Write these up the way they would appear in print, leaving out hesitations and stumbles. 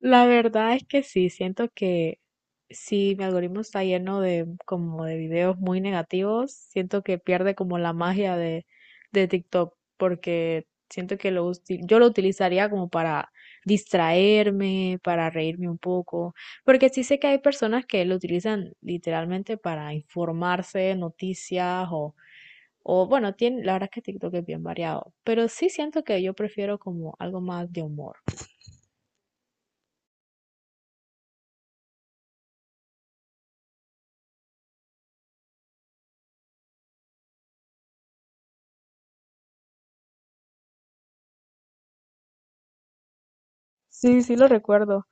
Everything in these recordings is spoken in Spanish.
La verdad es que sí, siento que si mi algoritmo está lleno de como de videos muy negativos, siento que pierde como la magia de TikTok, porque siento que yo lo utilizaría como para distraerme, para reírme un poco, porque sí sé que hay personas que lo utilizan literalmente para informarse, noticias o bueno, tiene, la verdad es que TikTok es bien variado, pero sí siento que yo prefiero como algo más de humor. Sí, sí lo recuerdo.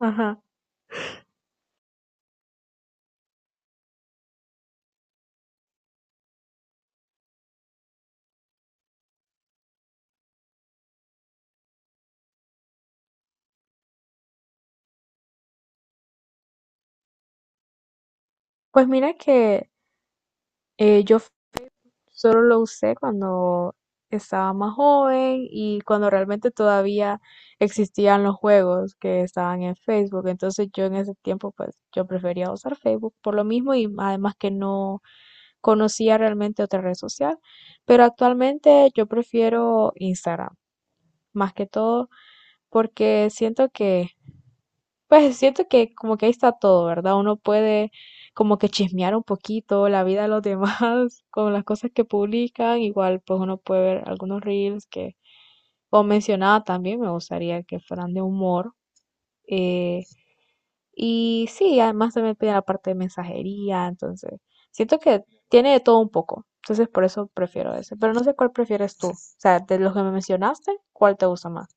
Ajá. Pues mira que eh, yo f- solo lo usé cuando estaba más joven y cuando realmente todavía existían los juegos que estaban en Facebook. Entonces yo en ese tiempo pues yo prefería usar Facebook por lo mismo y además que no conocía realmente otra red social. Pero actualmente yo prefiero Instagram más que todo porque siento que pues siento que como que ahí está todo, ¿verdad? Uno puede como que chismear un poquito la vida de los demás con las cosas que publican. Igual pues uno puede ver algunos reels que, como mencionaba también, me gustaría que fueran de humor. eh, y sí, además también pide la parte de mensajería, entonces siento que tiene de todo un poco. Entonces por eso prefiero ese. Pero no sé cuál prefieres tú. O sea, de los que me mencionaste, ¿cuál te gusta más?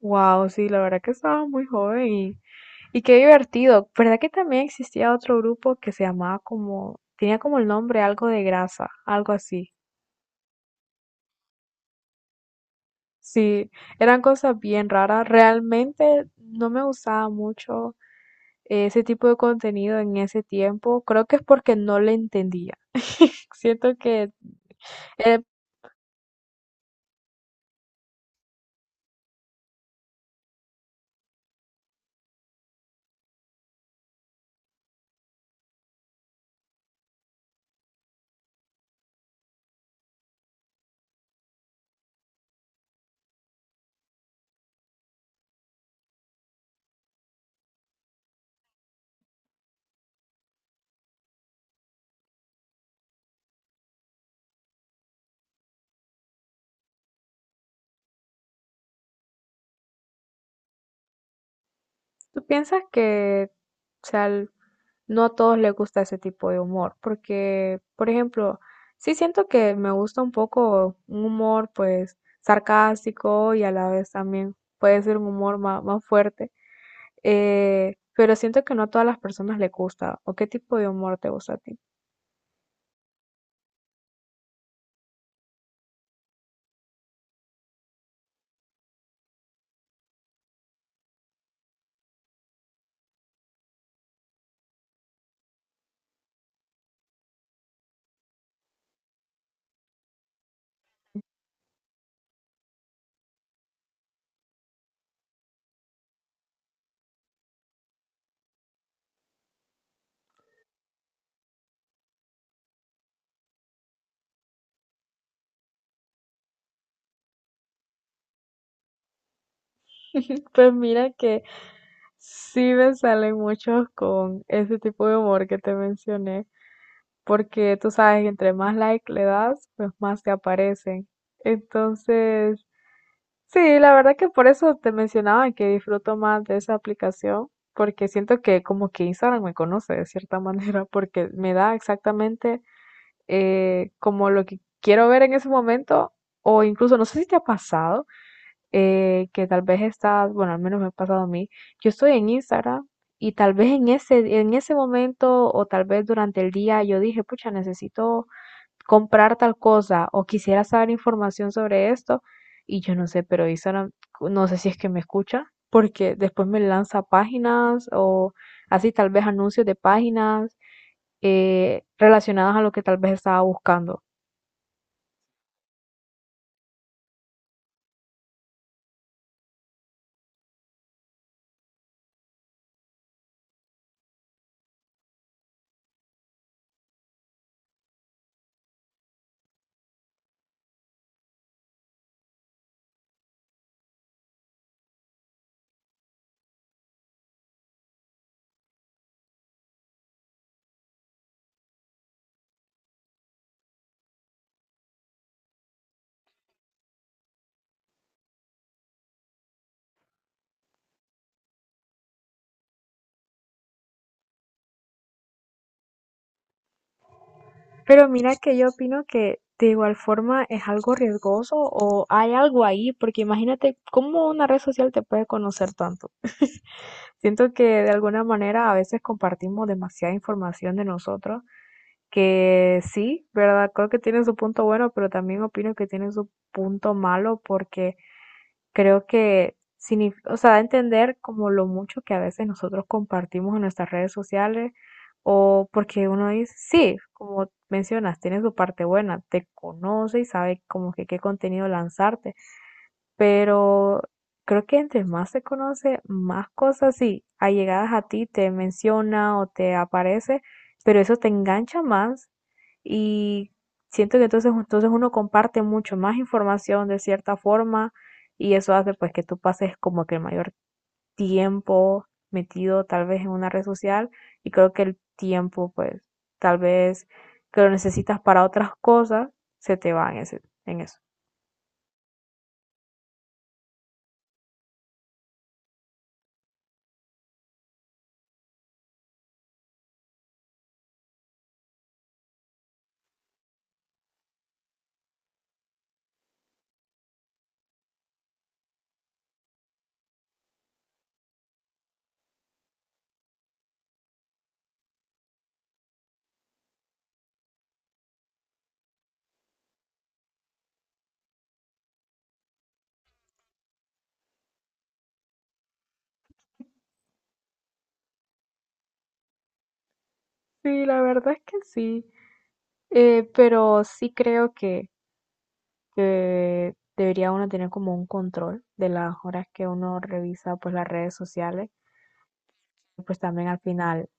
Wow, sí, la verdad que estaba muy joven. Y qué divertido. ¿Verdad que también existía otro grupo que se llamaba como, tenía como el nombre algo de grasa, algo así? Sí, eran cosas bien raras. Realmente no me gustaba mucho ese tipo de contenido en ese tiempo. Creo que es porque no le entendía. Siento que eh, ¿tú piensas que, o sea, no a todos les gusta ese tipo de humor? Porque, por ejemplo, sí siento que me gusta un poco un humor, pues, sarcástico y a la vez también puede ser un humor más fuerte, pero siento que no a todas las personas les gusta. ¿O qué tipo de humor te gusta a ti? Pues mira que sí me salen muchos con ese tipo de humor que te mencioné, porque tú sabes que entre más like le das, pues más te aparecen. Entonces, sí, la verdad que por eso te mencionaba que disfruto más de esa aplicación, porque siento que como que Instagram me conoce de cierta manera, porque me da exactamente como lo que quiero ver en ese momento, o incluso, no sé si te ha pasado, que tal vez estás, bueno, al menos me ha pasado a mí, yo estoy en Instagram. Y tal vez en ese momento o tal vez durante el día yo dije, pucha, necesito comprar tal cosa o quisiera saber información sobre esto y yo no sé, pero Instagram no sé si es que me escucha porque después me lanza páginas o así tal vez anuncios de páginas relacionadas a lo que tal vez estaba buscando. Pero mira que yo opino que de igual forma es algo riesgoso o hay algo ahí, porque imagínate cómo una red social te puede conocer tanto. Siento que de alguna manera a veces compartimos demasiada información de nosotros que sí, ¿verdad? Creo que tiene su punto bueno, pero también opino que tiene su punto malo, porque creo que o sea, da a entender como lo mucho que a veces nosotros compartimos en nuestras redes sociales, o porque uno dice, sí, como mencionas, tiene su parte buena, te conoce y sabe como que qué contenido lanzarte, pero creo que entre más se conoce, más cosas sí, allegadas a ti te menciona o te aparece, pero eso te engancha más, y siento que entonces uno comparte mucho más información de cierta forma, y eso hace pues que tú pases como que el mayor tiempo metido tal vez en una red social, y creo que el tiempo pues tal vez que lo necesitas para otras cosas se te va en eso. Sí, la verdad es que sí, pero sí creo que debería uno tener como un control de las horas que uno revisa pues las redes sociales, pues también al final.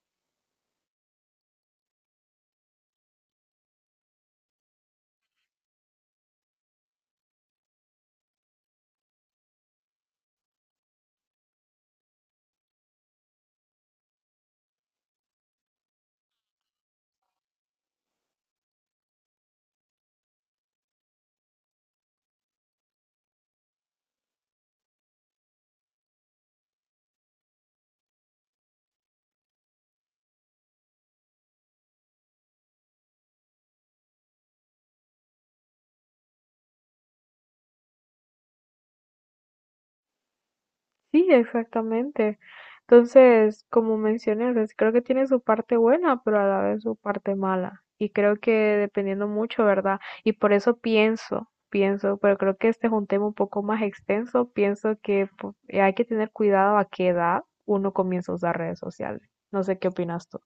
Sí, exactamente. Entonces, como mencioné, o creo que tiene su parte buena, pero a la vez su parte mala. Y creo que dependiendo mucho, ¿verdad? Y por eso pienso, pero creo que este es un tema un poco más extenso. Pienso que hay que tener cuidado a qué edad uno comienza a usar redes sociales. No sé qué opinas tú.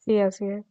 Sí, así es.